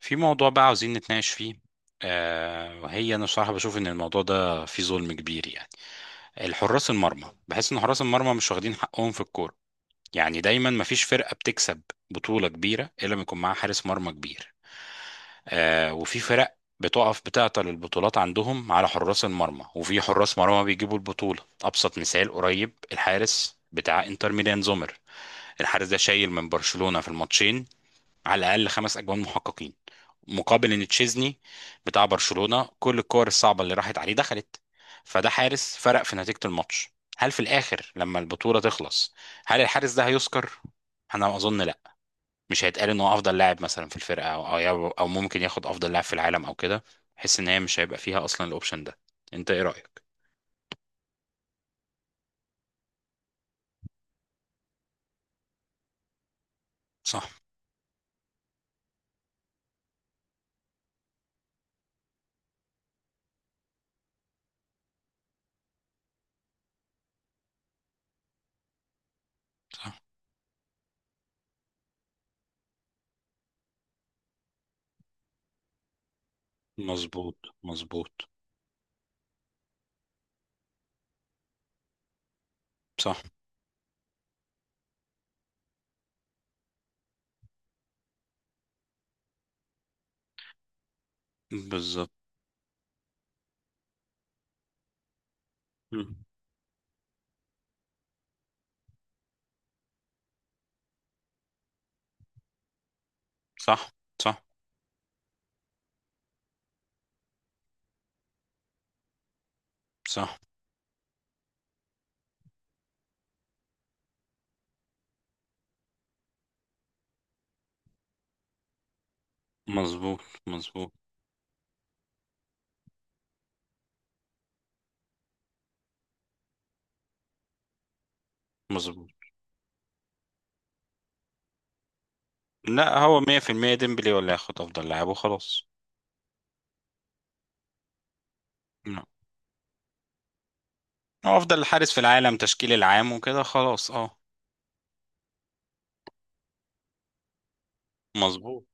في موضوع بقى عاوزين نتناقش فيه. وهي انا صراحة بشوف ان الموضوع ده فيه ظلم كبير، يعني الحراس المرمى، بحس ان حراس المرمى مش واخدين حقهم في الكورة. يعني دايما مفيش فرقة بتكسب بطولة كبيرة الا لما يكون معاها حارس مرمى كبير. وفي فرق بتقف بتعطل البطولات عندهم على حراس المرمى، وفي حراس مرمى بيجيبوا البطولة. أبسط مثال قريب، الحارس بتاع انتر ميلان زومر، الحارس ده شايل من برشلونة في الماتشين على الأقل خمس أجوان محققين، مقابل ان تشيزني بتاع برشلونة كل الكور الصعبة اللي راحت عليه دخلت. فده حارس فرق في نتيجة الماتش. هل في الاخر لما البطولة تخلص، هل الحارس ده هيذكر؟ انا اظن لا. مش هيتقال ان هو افضل لاعب مثلا في الفرقة او او أو ممكن ياخد افضل لاعب في العالم او كده. حس ان هي مش هيبقى فيها اصلا الاوبشن ده. انت ايه رأيك؟ صح. صح. مظبوط. مظبوط. صح. بالظبط. مم. صح. صح. صح. مظبوط. مظبوط. مظبوط. لا، هو 100% ديمبلي ولا ياخد افضل لاعب وخلاص. لا. هو افضل حارس في العالم تشكيل العام وكده خلاص. اه. مظبوط.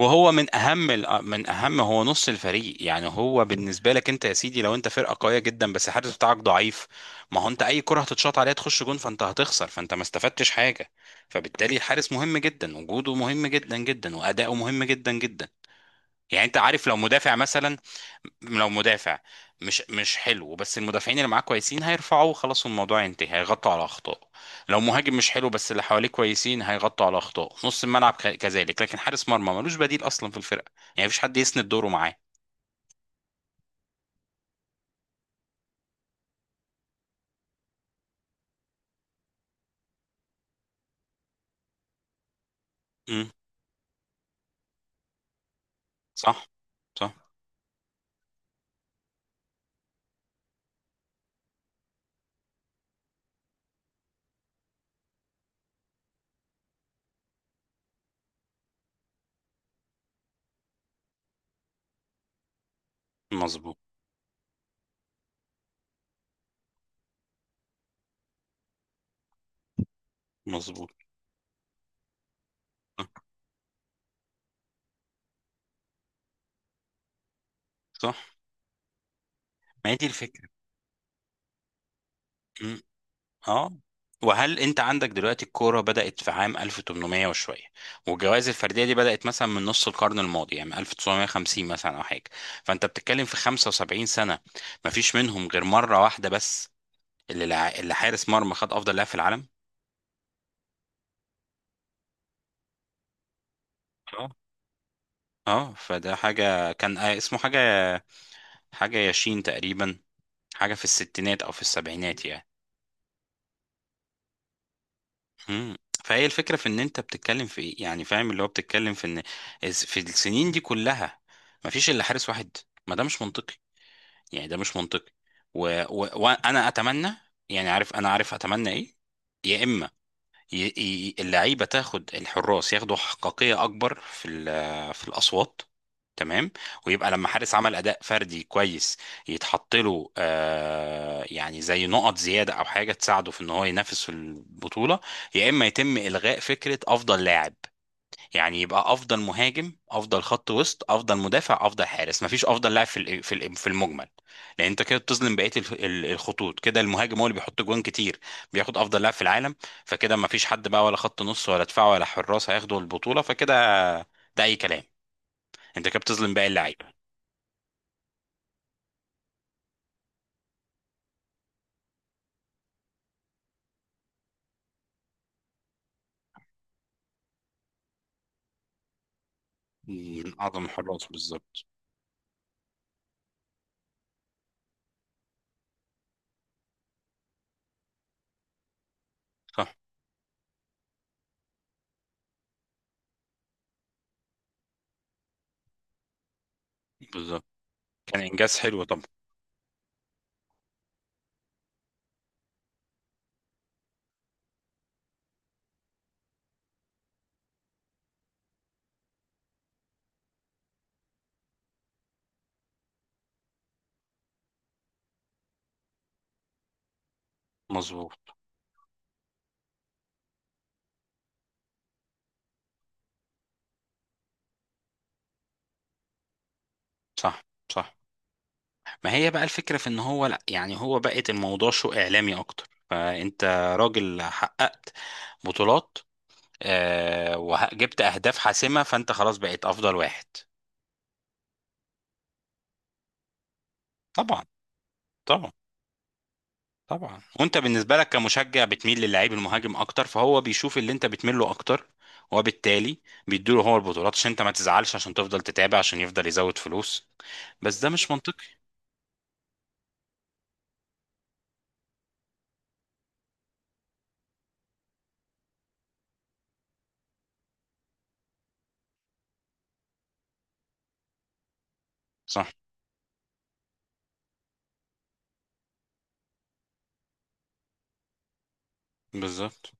وهو من اهم هو نص الفريق، يعني هو بالنسبه لك انت يا سيدي، لو انت فرقه قويه جدا بس الحارس بتاعك ضعيف، ما هو انت اي كره هتتشاط عليها تخش جون، فانت هتخسر، فانت ما استفدتش حاجه. فبالتالي الحارس مهم جدا، وجوده مهم جدا جدا، واداؤه مهم جدا جدا. يعني انت عارف لو مدافع مثلا، لو مدافع مش حلو بس المدافعين اللي معاه كويسين هيرفعوه خلاص، والموضوع ينتهي، هيغطوا على اخطاء. لو مهاجم مش حلو بس اللي حواليه كويسين هيغطوا على اخطاء نص الملعب، كذلك. لكن حارس مرمى ملوش بديل اصلا في الفرقه، يعني مفيش حد يسند دوره معاه. امم صح. صح. مظبوط. مظبوط. صح. ما هي دي الفكره. امم. اه. وهل انت عندك دلوقتي، الكوره بدات في عام 1800 وشويه، والجوائز الفرديه دي بدات مثلا من نص القرن الماضي، يعني من 1950 مثلا او حاجه. فانت بتتكلم في 75 سنه مفيش منهم غير مره واحده بس اللي حارس مرمى خد افضل لاعب في العالم. اه. اه فده حاجه كان، اسمه حاجه، حاجه ياشين تقريبا، حاجه في الستينات او في السبعينات يعني. مم. فهي الفكرة في ان انت بتتكلم في ايه، يعني فاهم اللي هو بتتكلم في ان في السنين دي كلها ما فيش الا حارس واحد. ما ده مش منطقي، يعني ده مش منطقي. و... وانا اتمنى، يعني عارف، انا عارف اتمنى ايه. يا اما اللعيبه تاخد الحراس، ياخدوا حقيقيه اكبر في في الاصوات، تمام. ويبقى لما حارس عمل اداء فردي كويس يتحط له، يعني زي نقط زياده او حاجه تساعده في ان هو ينافس في البطوله. يا اما يتم الغاء فكره افضل لاعب، يعني يبقى افضل مهاجم، افضل خط وسط، افضل مدافع، افضل حارس، مفيش افضل لاعب في في المجمل. لان انت كده بتظلم بقيه الخطوط. كده المهاجم هو اللي بيحط جوان كتير بياخد افضل لاعب في العالم، فكده مفيش حد بقى، ولا خط نص، ولا دفاع، ولا حراس هياخدوا البطوله، فكده ده اي كلام، انت كده بتظلم باقي اللعيبه. من اعظم الحراس بالظبط. صح. بالظبط. كان انجاز حلو طبعا. مظبوط. صح. صح. ما هي بقى الفكره في ان هو، لا يعني هو بقت الموضوع شو اعلامي اكتر. فانت راجل حقق بطولات وجبت اهداف حاسمه، فانت خلاص بقيت افضل واحد. طبعا. طبعا. طبعا. وانت بالنسبه لك كمشجع بتميل للعيب المهاجم اكتر، فهو بيشوف اللي انت بتميل له اكتر وبالتالي بيديله هو البطولات عشان انت ما تزعلش، عشان تفضل تتابع، عشان يفضل يزود فلوس. بس ده مش منطقي. صح. بالظبط.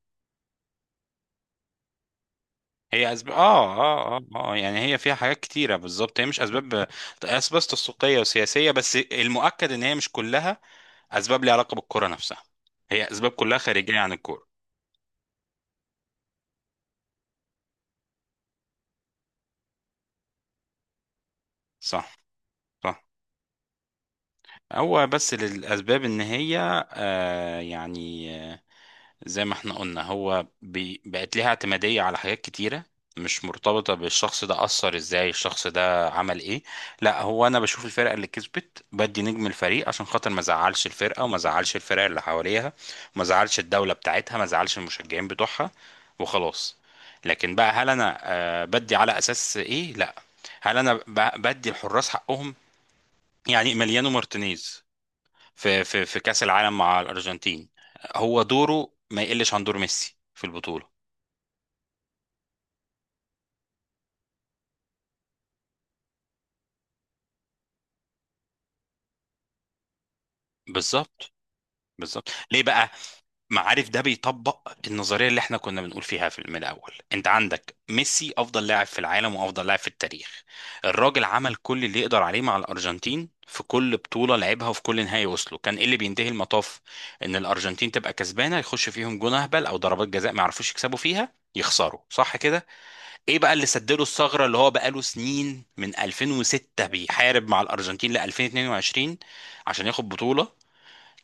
هي اسباب، يعني هي فيها حاجات كتيره بالظبط. هي مش اسباب، اسباب تسويقيه وسياسيه بس، المؤكد ان هي مش كلها اسباب ليها علاقه بالكره نفسها، هي اسباب كلها خارجيه عن الكوره. صح. صح. هو بس للاسباب ان هي آه يعني آه، زي ما احنا قلنا، هو بقت ليها اعتمادية على حاجات كتيرة مش مرتبطة بالشخص، ده أثر ازاي، الشخص ده عمل ايه. لا هو أنا بشوف الفرقة اللي كسبت بدي نجم الفريق عشان خاطر ما زعلش الفرقة، وما زعلش الفرق اللي حواليها، وما زعلش الدولة بتاعتها، ما زعلش المشجعين بتوعها، وخلاص. لكن بقى، هل أنا بدي على أساس ايه؟ لا. هل أنا بدي الحراس حقهم؟ يعني مليانو مارتينيز في كأس العالم مع الأرجنتين، هو دوره ما يقلش عن دور ميسي في البطولة. بالظبط. بالظبط، ليه بقى؟ معارف، ده بيطبق النظرية اللي احنا كنا بنقول فيها في من الأول. انت عندك ميسي أفضل لاعب في العالم وأفضل لاعب في التاريخ، الراجل عمل كل اللي يقدر عليه مع الأرجنتين في كل بطولة لعبها، وفي كل نهائي وصله كان ايه اللي بينتهي المطاف، ان الأرجنتين تبقى كسبانة يخش فيهم جون أهبل أو ضربات جزاء ما يعرفوش يكسبوا فيها يخسروا، صح كده؟ ايه بقى اللي سد له الثغره، اللي هو بقاله سنين من 2006 بيحارب مع الارجنتين ل 2022 عشان ياخد بطوله.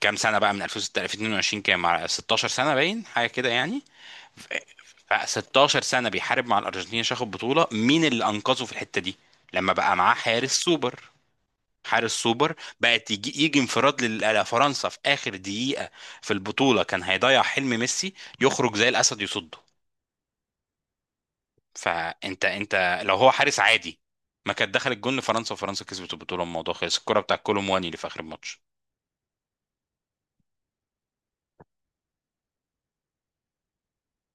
كام سنه بقى من 2006 ل 2022، كام؟ مع 16 سنه، باين حاجه كده يعني. ف- 16 سنه بيحارب مع الارجنتين عشان ياخد بطوله. مين اللي انقذه في الحته دي، لما بقى معاه حارس سوبر. حارس سوبر، بقت يجي انفراد لفرنسا في اخر دقيقه في البطوله، كان هيضيع حلم ميسي، يخرج زي الاسد يصده. فانت، انت لو هو حارس عادي، ما كانت دخلت جون لفرنسا وفرنسا كسبت البطوله، الموضوع خلص. الكره بتاع كولومواني اللي في اخر الماتش.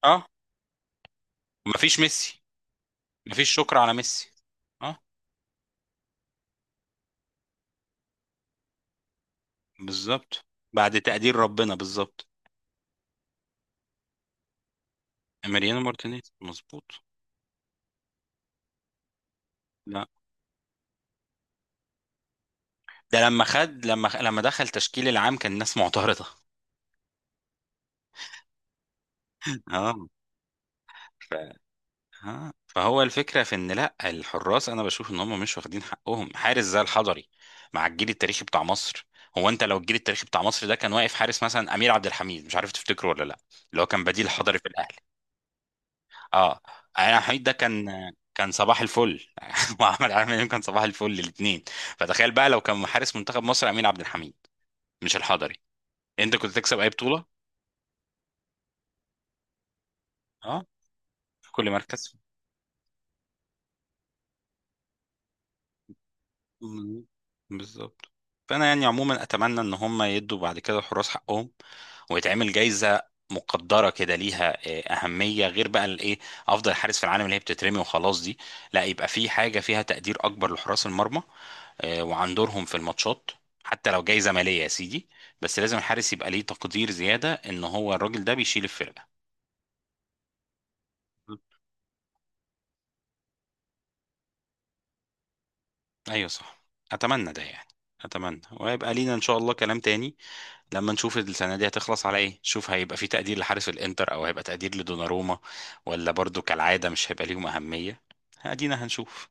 اه. مفيش ميسي. مفيش شكر على ميسي. اه. بالظبط. بعد تقدير ربنا بالظبط. اماريانو مارتينيز مظبوط. لا، ده لما خد لما لما دخل تشكيل العام كان الناس معترضه. اه. ها، فهو الفكرة في ان لا، الحراس انا بشوف ان هم مش واخدين حقهم. حارس زي الحضري مع الجيل التاريخي بتاع مصر، هو انت لو الجيل التاريخي بتاع مصر ده كان واقف حارس مثلا امير عبد الحميد، مش عارف تفتكره ولا لا، اللي هو كان بديل الحضري في الاهلي. اه. امير عبد الحميد ده كان، كان صباح الفل وعمل عامل إمام، كان صباح الفل الاثنين. فتخيل بقى لو كان حارس منتخب مصر امير عبد الحميد مش الحضري، انت كنت تكسب اي بطولة. اه. في كل مركز. مم. بالظبط. فانا يعني عموما اتمنى ان هم يدوا بعد كده الحراس حقهم، ويتعمل جايزه مقدره كده ليها اهميه، غير بقى الايه، افضل حارس في العالم اللي هي بتترمي وخلاص دي. لا، يبقى في حاجه فيها تقدير اكبر لحراس المرمى وعن دورهم في الماتشات، حتى لو جايزه ماليه يا سيدي، بس لازم الحارس يبقى ليه تقدير زياده، ان هو الراجل ده بيشيل الفرقه. ايوه صح. اتمنى ده، يعني اتمنى ويبقى لينا ان شاء الله كلام تاني لما نشوف السنه دي هتخلص على ايه، شوف هيبقى في تقدير لحارس الانتر، او هيبقى تقدير لدوناروما، ولا برضو كالعاده مش هيبقى ليهم اهميه. ادينا هنشوف.